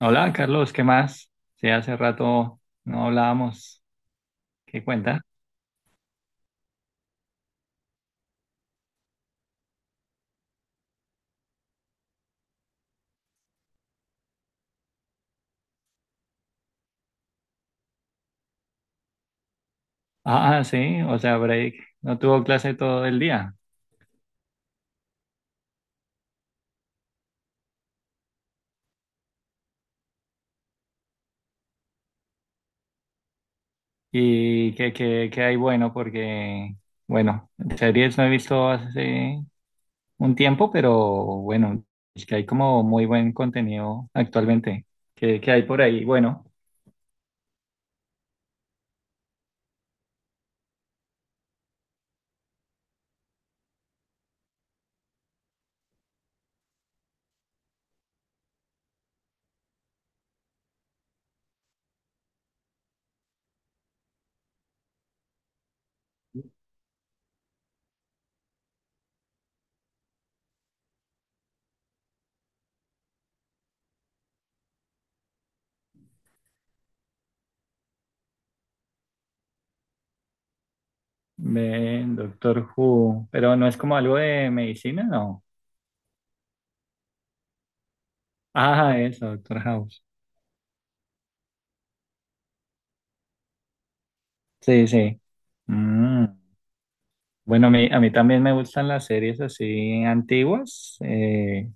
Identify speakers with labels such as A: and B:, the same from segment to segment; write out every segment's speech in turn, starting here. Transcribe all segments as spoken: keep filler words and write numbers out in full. A: Hola, Carlos, ¿qué más? Sí, hace rato no hablábamos. ¿Qué cuenta? Ah, sí, o sea, break. No tuvo clase todo el día. ¿Y qué, qué, qué hay bueno? Porque, bueno, series no he visto hace un tiempo, pero bueno, es que hay como muy buen contenido actualmente. ¿Qué, qué hay por ahí? Bueno, ve Doctor Who, pero no es como algo de medicina, ¿no? Ah, eso, Doctor House. Sí, sí. Mm. Bueno, a mí, a mí también me gustan las series así antiguas. eh,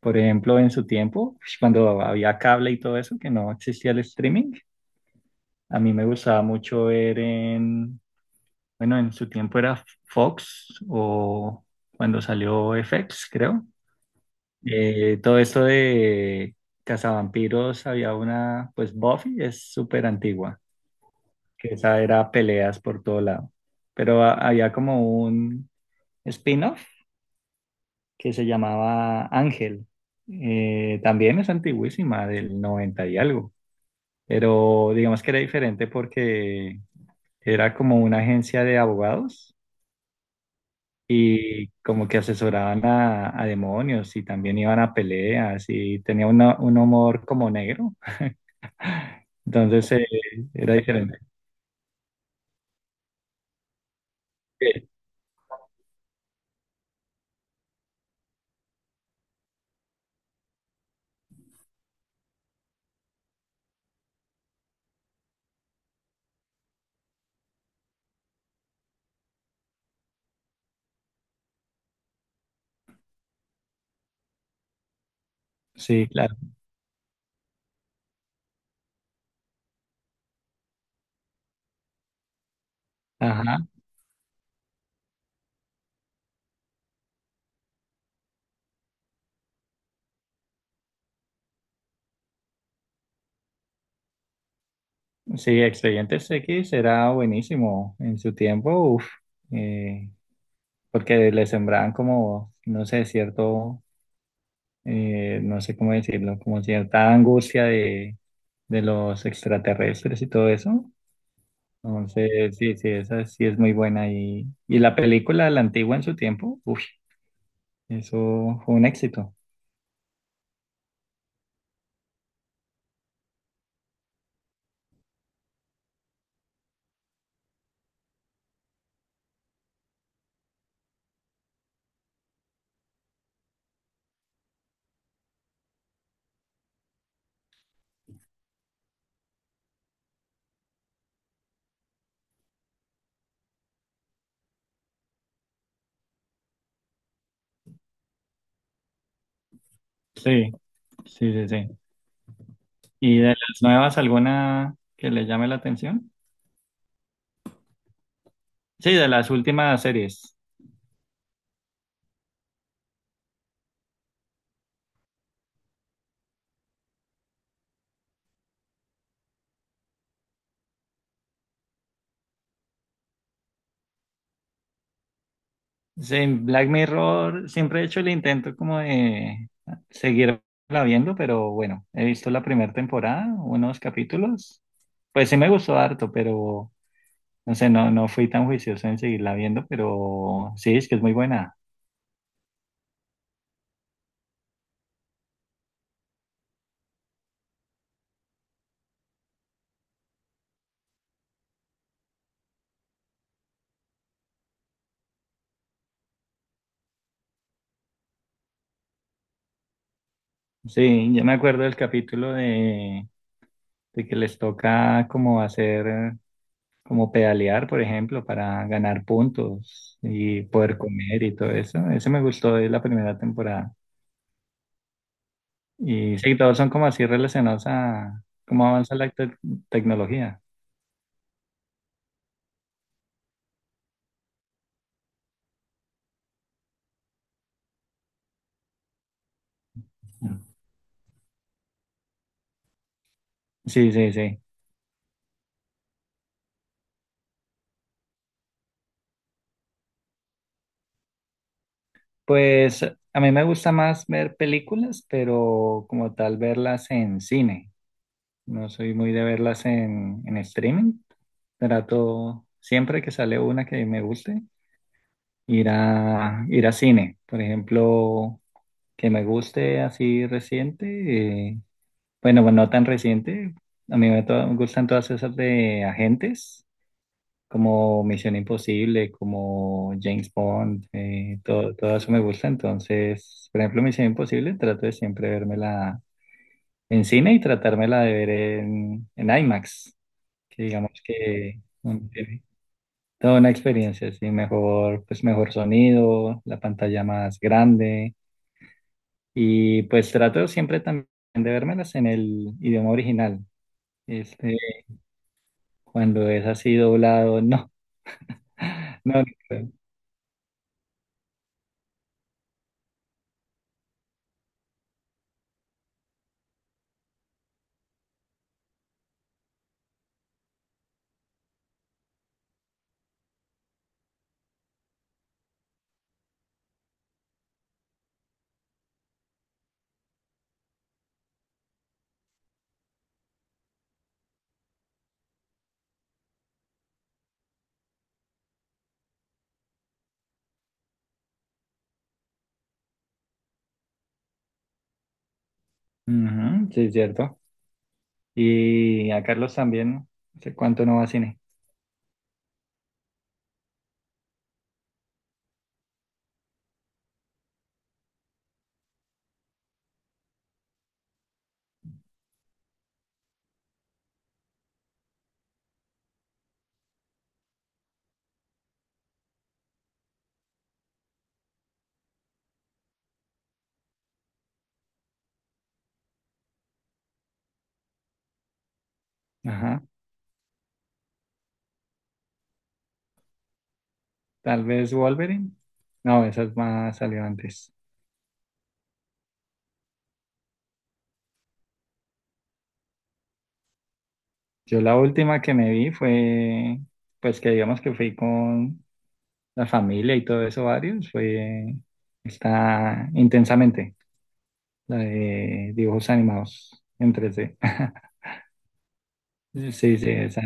A: Por ejemplo, en su tiempo, cuando había cable y todo eso, que no existía el streaming, a mí me gustaba mucho ver en, bueno, en su tiempo era Fox o cuando salió F X, creo. Eh, todo esto de Cazavampiros, había una, pues Buffy es súper antigua, que esa era peleas por todo lado. Pero a- había como un spin-off que se llamaba Ángel. Eh, también es antiguísima, del noventa y algo, pero digamos que era diferente porque era como una agencia de abogados y como que asesoraban a, a demonios y también iban a peleas y tenía una- un humor como negro, entonces eh, era diferente. Sí, sí, claro. Ajá. Sí, Expedientes X era buenísimo en su tiempo. Uf, eh, porque le sembraban como, no sé, cierto, eh, no sé cómo decirlo, como cierta angustia de, de los extraterrestres y todo eso. Entonces, sí, sí, esa sí es muy buena. Y, y la película, la antigua en su tiempo, uff, eso fue un éxito. Sí, sí, sí, sí. ¿Y de las nuevas alguna que le llame la atención? Sí, de las últimas series. Sí, en Black Mirror siempre he hecho el intento como de seguirla viendo, pero bueno, he visto la primera temporada, unos capítulos. Pues sí me gustó harto, pero no sé, no, no fui tan juicioso en seguirla viendo, pero sí, es que es muy buena. Sí, yo me acuerdo del capítulo de, de que les toca como hacer, eh, como pedalear, por ejemplo, para ganar puntos y poder comer y todo eso. Ese me gustó de la primera temporada. Y sí, todos son como así relacionados a cómo avanza la te- tecnología. Sí, sí, sí. Pues a mí me gusta más ver películas, pero como tal verlas en cine. No soy muy de verlas en, en streaming. Trato siempre que sale una que me guste, ir a, ir a cine. Por ejemplo, que me guste así reciente. eh, bueno, bueno, no tan reciente. A mí me, to- me gustan todas esas de agentes. Como Misión Imposible, como James Bond, eh, todo, todo eso me gusta. Entonces, por ejemplo, Misión Imposible, trato de siempre vérmela en cine y tratármela de ver en, en IMAX, que digamos que mm, tiene toda una experiencia, sí, mejor, pues mejor sonido, la pantalla más grande y pues trato siempre también de vérmelas en el idioma original. Este, cuando es así doblado, no, no, no puedo. Ujú, sí, es cierto. Y a Carlos también, hace cuánto no va a cine. Ajá. Tal vez Wolverine. No, esa es más salió antes. Yo la última que me vi fue, pues que digamos que fui con la familia y todo eso, varios, fue está intensamente, la de dibujos animados en tres D. Sí, sí, esa.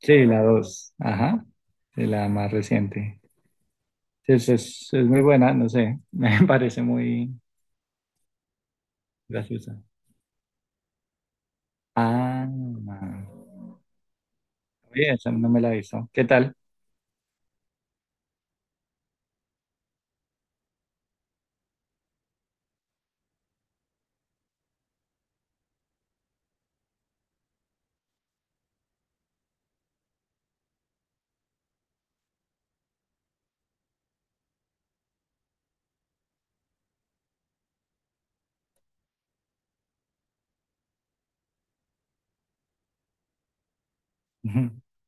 A: Sí, la dos. Ajá. Sí, la más reciente. Sí, es, es, es muy buena, no sé. Me parece muy graciosa. Ah, oye, esa no me la avisó. ¿Qué tal?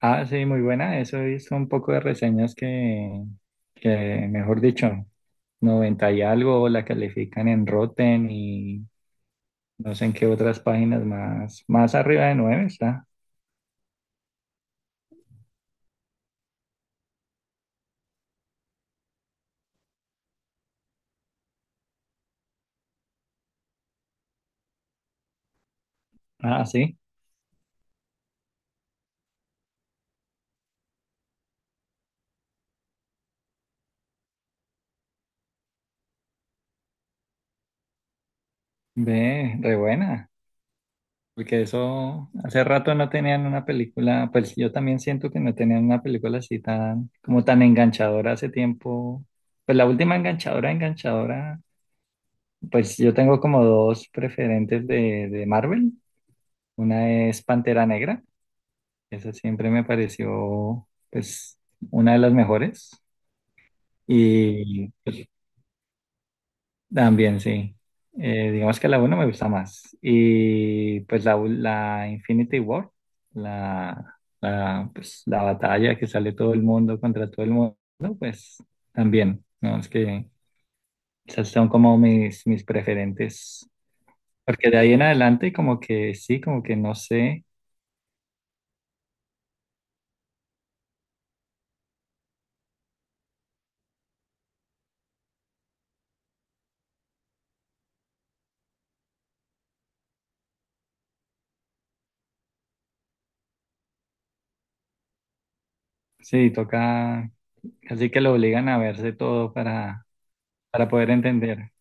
A: Ah, sí, muy buena. Eso hizo un poco de reseñas que, que, mejor dicho, noventa y algo la califican en Rotten y no sé en qué otras páginas más, más arriba de nueve está. Ah, sí, ve, re buena. Porque eso hace rato no tenían una película, pues yo también siento que no tenían una película así tan, como tan enganchadora hace tiempo. Pues la última enganchadora, enganchadora pues yo tengo como dos preferentes de, de Marvel. Una es Pantera Negra. Esa siempre me pareció, pues, una de las mejores. Y pues, también, sí. Eh, digamos que la uno me gusta más. Y pues la, la Infinity War, la, la, pues, la batalla que sale todo el mundo contra todo el mundo, pues también. No, es que esas son como mis, mis preferentes. Porque de ahí en adelante como que sí, como que no sé, sí, toca, así que lo obligan a verse todo para, para poder entender.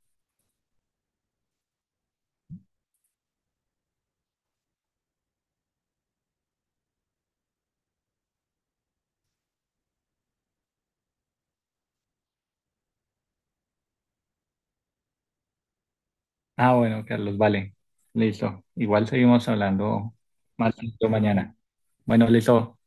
A: Ah, bueno, Carlos, vale, listo. Igual seguimos hablando más tarde mañana. Bueno, listo.